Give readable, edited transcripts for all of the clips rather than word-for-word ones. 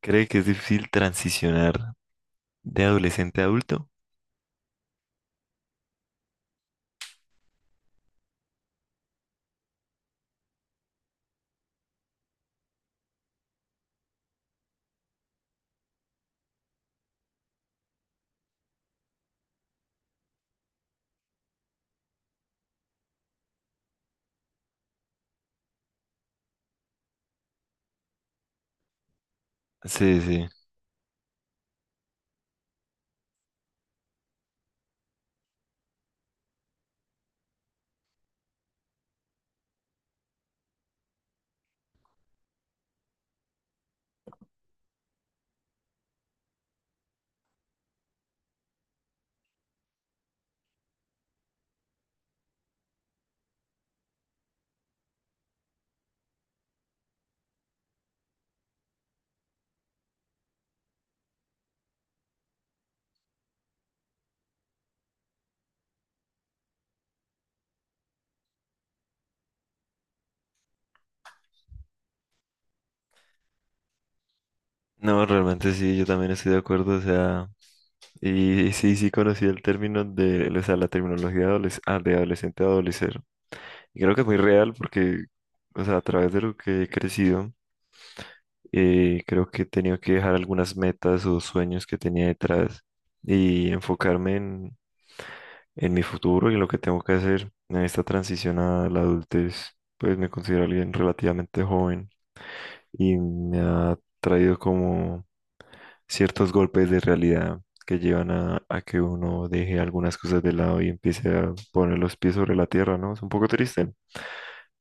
¿Cree que es difícil transicionar de adolescente a adulto? Sí, sí. No, realmente sí, yo también estoy de acuerdo, o sea, y sí, sí conocí el término de, o sea, la terminología de, de adolescente a adolecer. Y creo que es muy real porque, o sea, a través de lo que he crecido, creo que he tenido que dejar algunas metas o sueños que tenía detrás y enfocarme en mi futuro y en lo que tengo que hacer en esta transición a la adultez. Pues me considero alguien relativamente joven. Y me ha traído como ciertos golpes de realidad que llevan a que uno deje algunas cosas de lado y empiece a poner los pies sobre la tierra, ¿no? Es un poco triste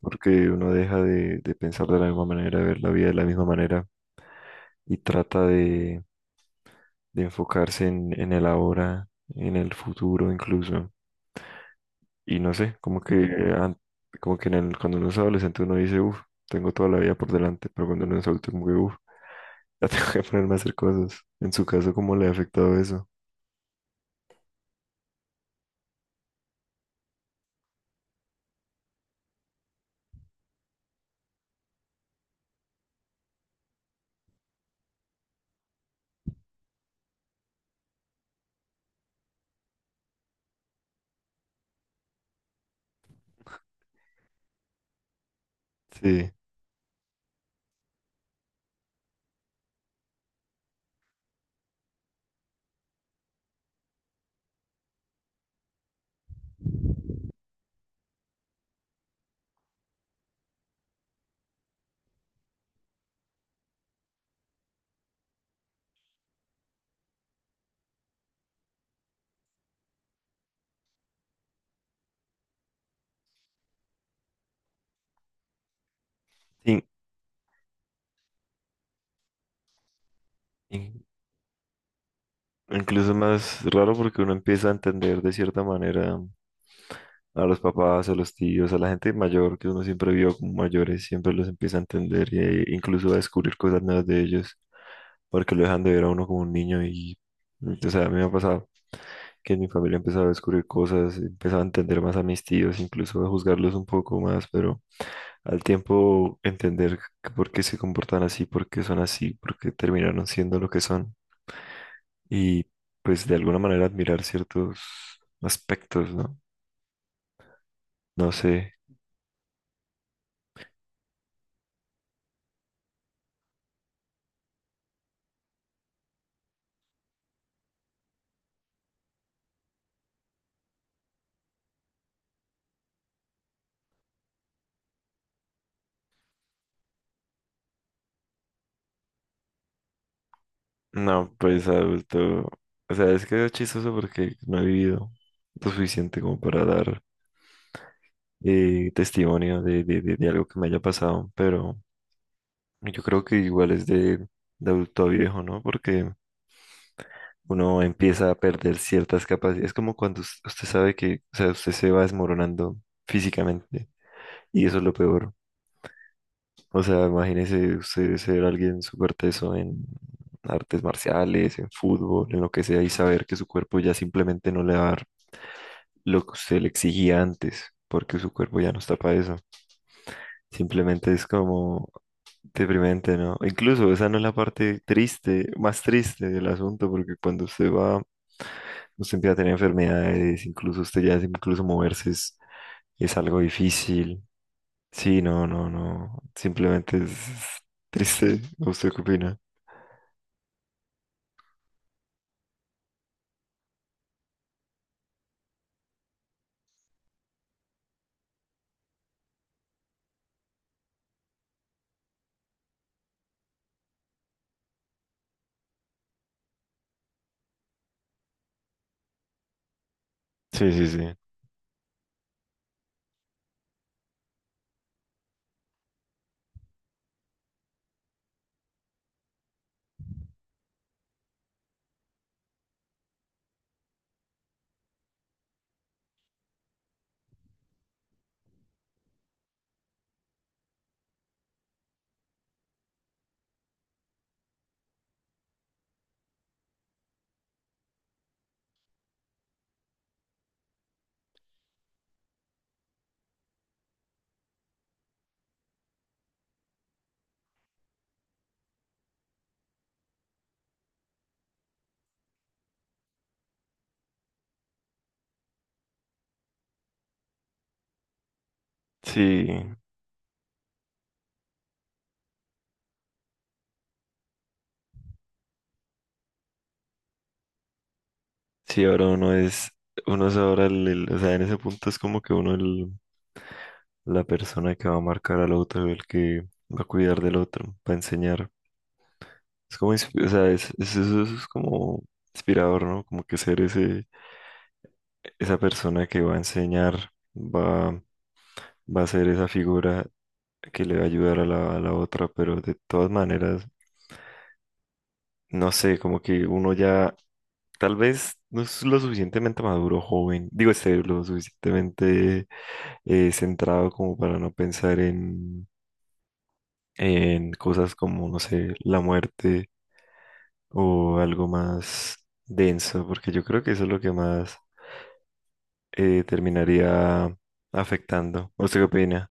porque uno deja de pensar de la misma manera, de ver la vida de la misma manera y trata de enfocarse en el ahora, en el futuro incluso. Y no sé, an- como que en el, cuando uno es adolescente uno dice, uff, tengo toda la vida por delante, pero cuando uno es adulto como que, uff. Ya tengo que ponerme a hacer cosas. En su caso, ¿cómo le ha afectado eso? Sí. Sí. in- Incluso más raro porque uno empieza a entender de cierta manera a los papás, a los tíos, a la gente mayor que uno siempre vio como mayores, siempre los empieza a entender e incluso a descubrir cosas nuevas de ellos porque lo dejan de ver a uno como un niño y, o sea, a mí me ha pasado que en mi familia empezaba a descubrir cosas, empezaba a entender más a mis tíos, incluso a juzgarlos un poco más, pero al tiempo entender que por qué se comportan así, por qué son así, por qué terminaron siendo lo que son y pues de alguna manera admirar ciertos aspectos, ¿no? No sé. No, pues adulto. O sea, es que es chistoso porque no he vivido lo suficiente como para dar testimonio de, de algo que me haya pasado, pero yo creo que igual es de adulto a viejo, ¿no? Porque uno empieza a perder ciertas capacidades. Es como cuando usted sabe que, o sea, usted se va desmoronando físicamente y eso es lo peor. O sea, imagínese usted ser alguien súper teso en artes marciales, en fútbol, en lo que sea, y saber que su cuerpo ya simplemente no le va a dar lo que usted le exigía antes, porque su cuerpo ya no está para eso. Simplemente es como deprimente, ¿no? Incluso esa no es la parte triste, más triste del asunto, porque cuando usted va, usted empieza a tener enfermedades, incluso usted ya, incluso moverse es algo difícil. Sí, no, no, no, simplemente es triste. ¿Usted qué opina? Sí, sí, sí. Sí, sí, ahora uno es ahora o sea, en ese punto es como que uno el, la persona que va a marcar al otro, el que va a cuidar del otro, va a enseñar. Es como, o sea, eso es como inspirador, ¿no? Como que ser ese, esa persona que va a enseñar, va, va a ser esa figura que le va a ayudar a la otra, pero de todas maneras, no sé, como que uno ya tal vez no es lo suficientemente maduro, joven, digo, este, lo suficientemente centrado como para no pensar en cosas como, no sé, la muerte o algo más denso, porque yo creo que eso es lo que más terminaría afectando. ¿Usted qué opina?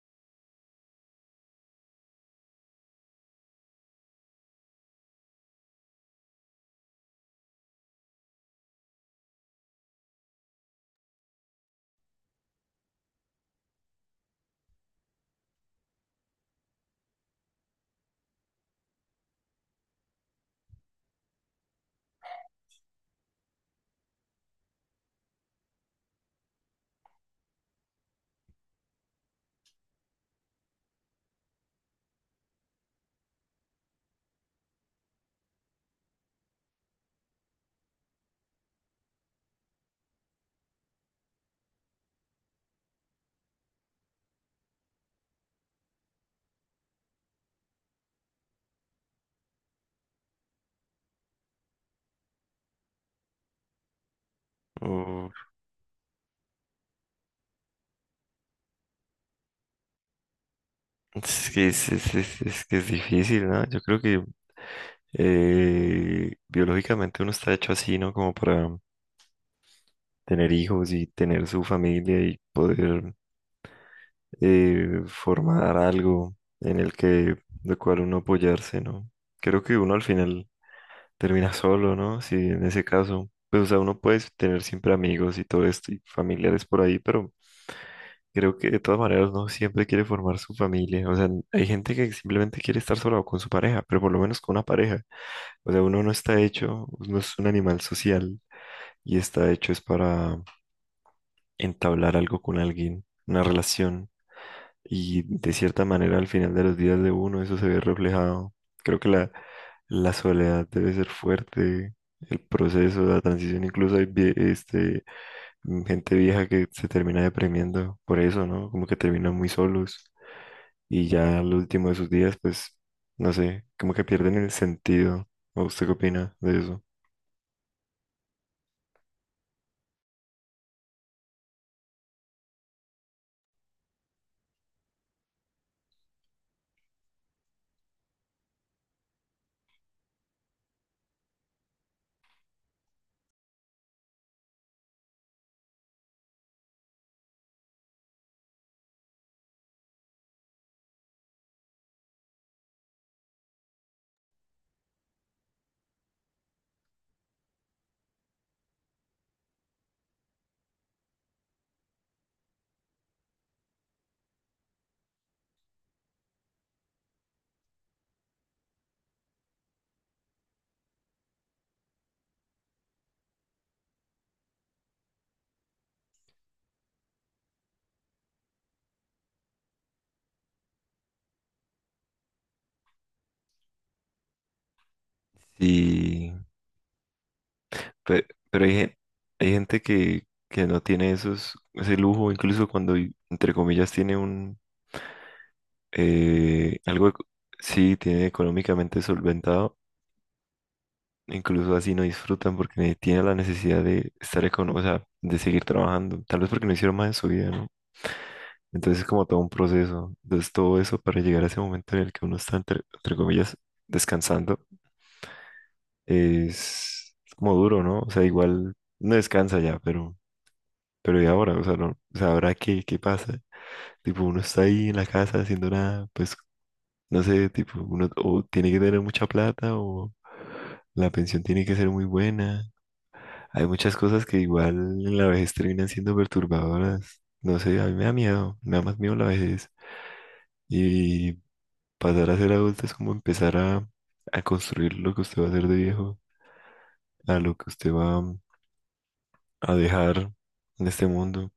Uf, es que es que es difícil, ¿no? Yo creo que biológicamente uno está hecho así, ¿no? Como para tener hijos y tener su familia y poder formar algo en el que, de cual uno apoyarse, ¿no? Creo que uno al final termina solo, ¿no? Si en ese caso, pues, o sea, uno puede tener siempre amigos y todo esto y familiares por ahí, pero creo que de todas maneras no siempre quiere formar su familia. O sea, hay gente que simplemente quiere estar sola o con su pareja, pero por lo menos con una pareja. O sea, uno no está hecho, no es un animal social y está hecho es para entablar algo con alguien, una relación. Y de cierta manera al final de los días de uno eso se ve reflejado. Creo que la soledad debe ser fuerte. El proceso, de la transición, incluso hay gente vieja que se termina deprimiendo por eso, ¿no? Como que terminan muy solos. Y ya al último de sus días, pues, no sé, como que pierden el sentido. ¿O usted qué opina de eso? Sí, pero, hay gente que no tiene esos, ese lujo, incluso cuando, entre comillas, tiene un, eh, algo, eco- sí, tiene económicamente solventado, incluso así no disfrutan porque tiene la necesidad de estar económico, o sea, de seguir trabajando, tal vez porque no hicieron más en su vida, ¿no? Entonces es como todo un proceso. Entonces todo eso para llegar a ese momento en el que uno está, entre, entre comillas, descansando, es como duro, ¿no? O sea, igual no descansa ya, pero ¿y ahora? O sea, no, o sea, ¿ahora qué, qué pasa? Tipo, uno está ahí en la casa haciendo nada, pues, no sé, tipo, uno o tiene que tener mucha plata o la pensión tiene que ser muy buena. Hay muchas cosas que igual en la vejez terminan siendo perturbadoras. No sé, a mí me da miedo, me da más miedo la vejez. Y pasar a ser adulto es como empezar a construir lo que usted va a hacer de viejo, a lo que usted va a dejar en este mundo.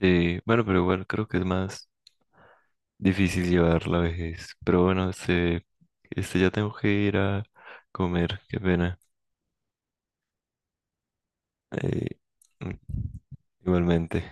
Sí, bueno, pero igual creo que es más difícil llevar la vejez. Pero bueno, este ya tengo que ir a comer, qué pena. Eh, mm, Igualmente.